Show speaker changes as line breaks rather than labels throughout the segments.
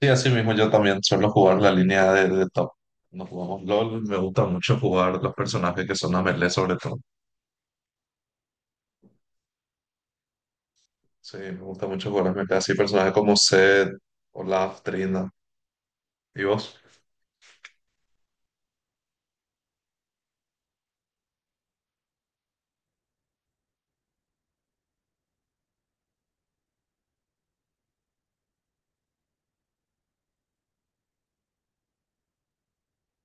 Sí, así mismo yo también suelo jugar la línea de top. Nos jugamos LOL, me gusta mucho jugar los personajes que son a melee sobre todo. Sí, me gusta mucho jugar a melee, así personajes como Zed, Olaf, Trina y vos.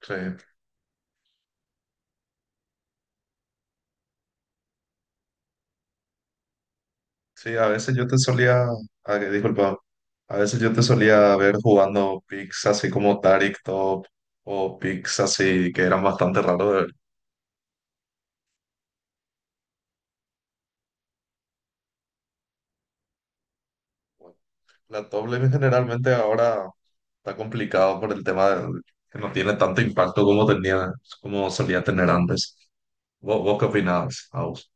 Sí, sí, a veces yo te solía, disculpa, a veces yo te solía ver jugando picks así como Taric top o picks así que eran bastante raros de ver. La top lane generalmente ahora está complicado por el tema de que no tiene tanto impacto como tenía, como solía tener antes. ¿Vos qué opinabas, Aus?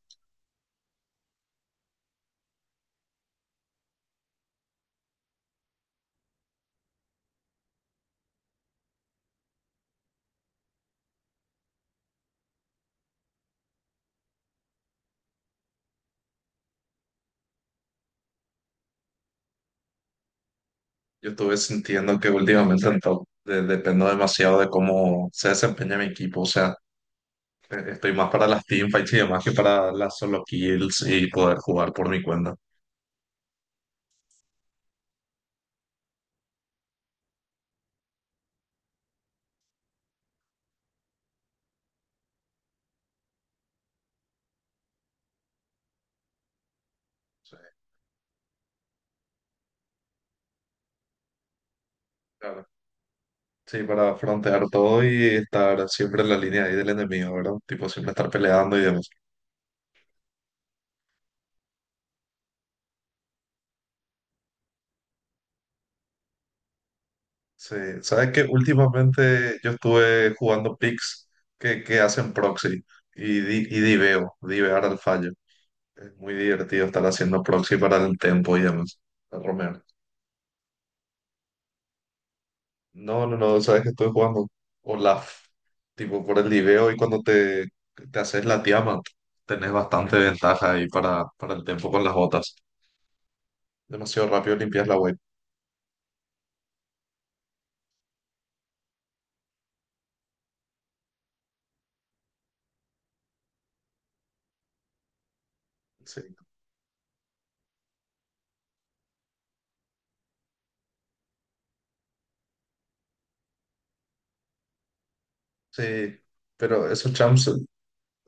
Yo estuve sintiendo que últimamente en top dependo demasiado de cómo se desempeña mi equipo. O sea, estoy más para las teamfights y demás que para las solo kills y poder jugar por mi cuenta. Sí, claro. Sí, para frontear todo y estar siempre en la línea ahí del enemigo, ¿verdad? Tipo, siempre estar peleando y demás. Sí, sabes que últimamente yo estuve jugando picks que hacen proxy y diveo, divear al fallo. Es muy divertido estar haciendo proxy para el tempo y demás, el Romero. No, no, no, sabes que estoy jugando Olaf, tipo por el diveo y cuando te haces la tiama, tenés bastante ventaja ahí para, el tempo con las botas. Demasiado rápido limpias la web. Sí, sí, pero esos champs,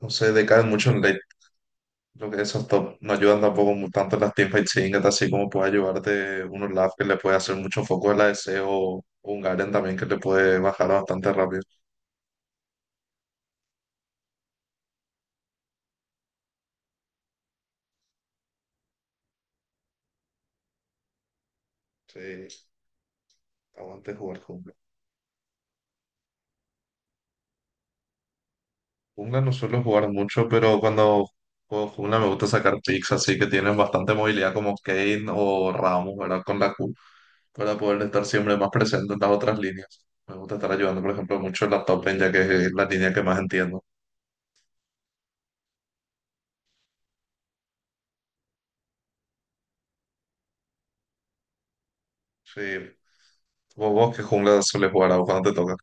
no sé, decaen mucho en late. Creo que esos top no ayudan tampoco tanto en las teamfights singles, así como puede ayudarte un Olaf que le puede hacer mucho foco a la ADC o un Garen también que le puede bajar bastante rápido. Sí, aguante jugar jungla. Jungla no suelo jugar mucho, pero cuando juego jungla me gusta sacar picks así que tienen bastante movilidad como Kane o Ramos, ¿verdad? Con la Q, para poder estar siempre más presente en las otras líneas. Me gusta estar ayudando, por ejemplo, mucho en la top lane, ya que es la línea que más entiendo. Sí. ¿Vos qué jungla sueles jugar a vos cuando te toca?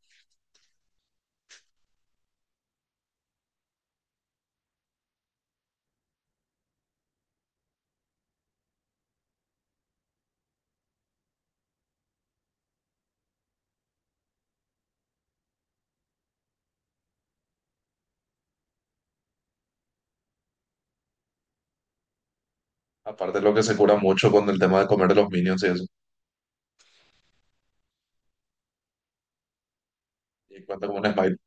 Aparte de lo que se cura mucho con el tema de comer de los minions y eso. Y cuenta como un smite.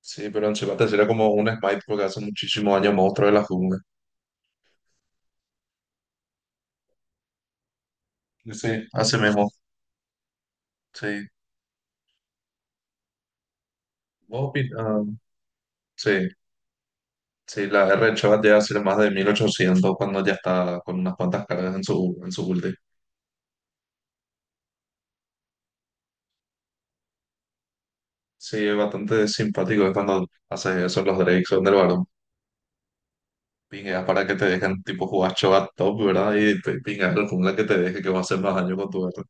Sí, pero en Chiba te sería como un smite porque hace muchísimo daño monstruo de la jungla. Y sí, hace mismo. Sí. ¿Vos opin- ah, sí, sí, la R de Chiba llega a ser más de 1800 cuando ya está con unas cuantas cargas en su ulti. Sí, es bastante simpático es cuando haces eso los Drakes son del varón. Pingueas para que te dejen, tipo, jugar Cho'Gath top, ¿verdad? Y te pingas el jungla que te deje que va a hacer más daño con tu R.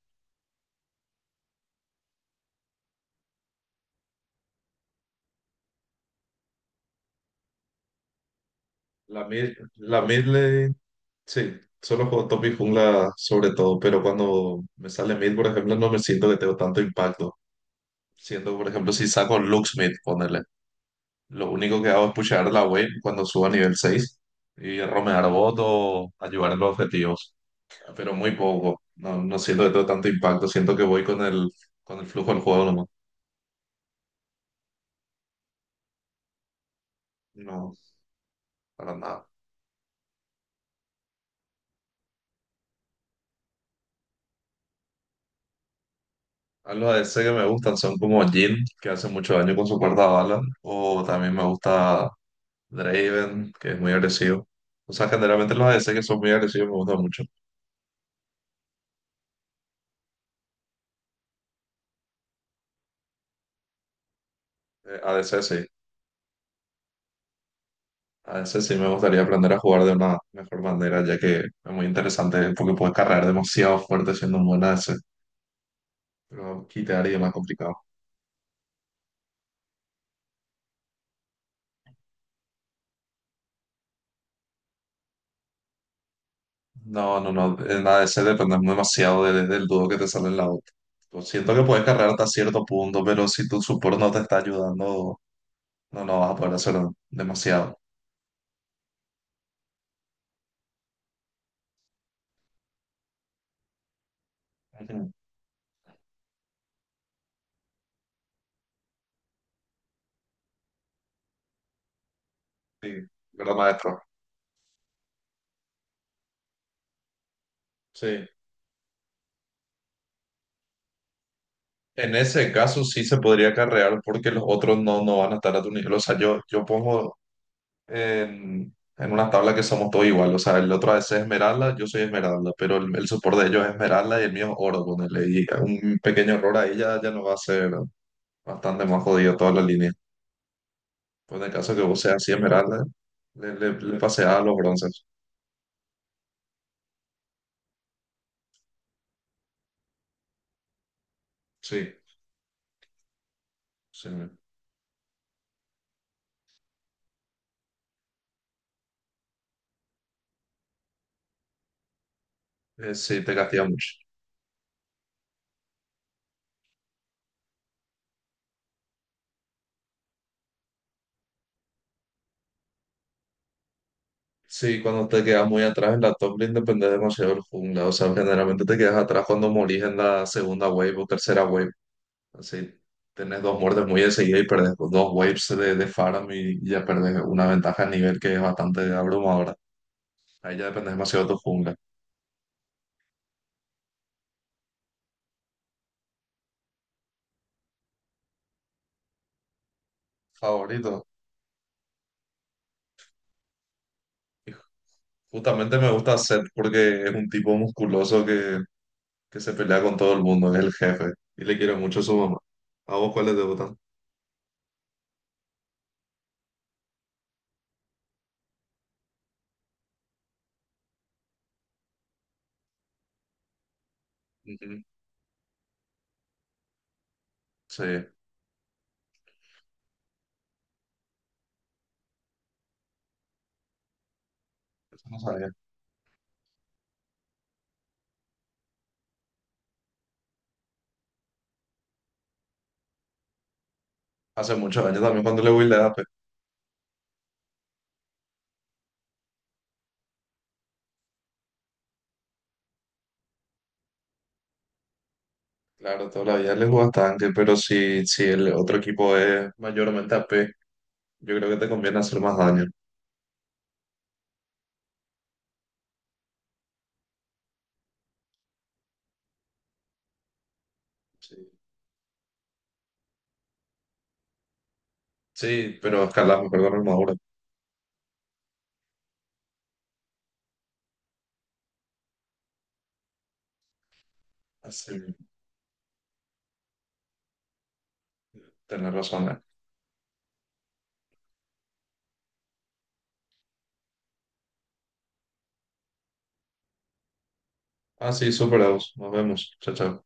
La mid, la mid lane. Sí, solo juego top y jungla sobre todo, pero cuando me sale mid, por ejemplo, no me siento que tengo tanto impacto. Siendo, por ejemplo, si saco Lux mid, ponerle. Lo único que hago es pushar la wave cuando subo a nivel 6 y romear bot o ayudar en los objetivos, pero muy poco. No, no siento que tengo tanto impacto, siento que voy con el flujo del juego nomás. No, para nada. A los ADC que me gustan son como Jhin, que hace mucho daño con su cuarta bala, o también me gusta Draven, que es muy agresivo. O sea, generalmente los ADC que son muy agresivos me gustan mucho. ADC sí. ADC sí me gustaría aprender a jugar de una mejor manera, ya que es muy interesante porque puedes cargar demasiado fuerte siendo un buen ADC. Pero quitear y es más complicado. No, no, no. En ADC depende demasiado del dúo que te sale en la otra. Siento que puedes cargar hasta cierto punto, pero si tu support no te está ayudando, no, no vas a poder hacer demasiado. Ujú. Sí, ¿verdad, maestro? Sí. En ese caso sí se podría acarrear porque los otros no, no van a estar a tu nivel. O sea, yo pongo en, una tabla que somos todos igual. O sea, el otro a veces es esmeralda, yo soy esmeralda, pero el support de ellos es esmeralda y el mío es oro, ponele. Y un pequeño error ahí ya nos va a ser bastante más jodido toda la línea. Pues en el caso que vos seas así esmeralda, le pasé a los bronces. Sí, sí. Sí, te castiga mucho. Sí, cuando te quedas muy atrás en la top lane depende demasiado del jungla. O sea, generalmente te quedas atrás cuando morís en la segunda wave o tercera wave. Así, tenés dos muertes muy de seguida y perdés con dos waves de Pharah y ya perdés una ventaja a nivel que es bastante abrumadora. Ahí ya depende demasiado de tu jungla. Favorito. Y justamente me gusta Zed porque es un tipo musculoso que se pelea con todo el mundo, es el jefe. Y le quiero mucho a su mamá. ¿A vos cuáles te gustan? Ujú. Sí, eso no sabía. Hace muchos años también cuando le voy a. Claro, todavía les juegas tanque, pero si el otro equipo es mayormente a AP, yo creo que te conviene hacer más daño. Sí, sí, pero escalas mejor con armadura. Así, tenés razón. Ah, sí, superados. Nos vemos. Chao, chao.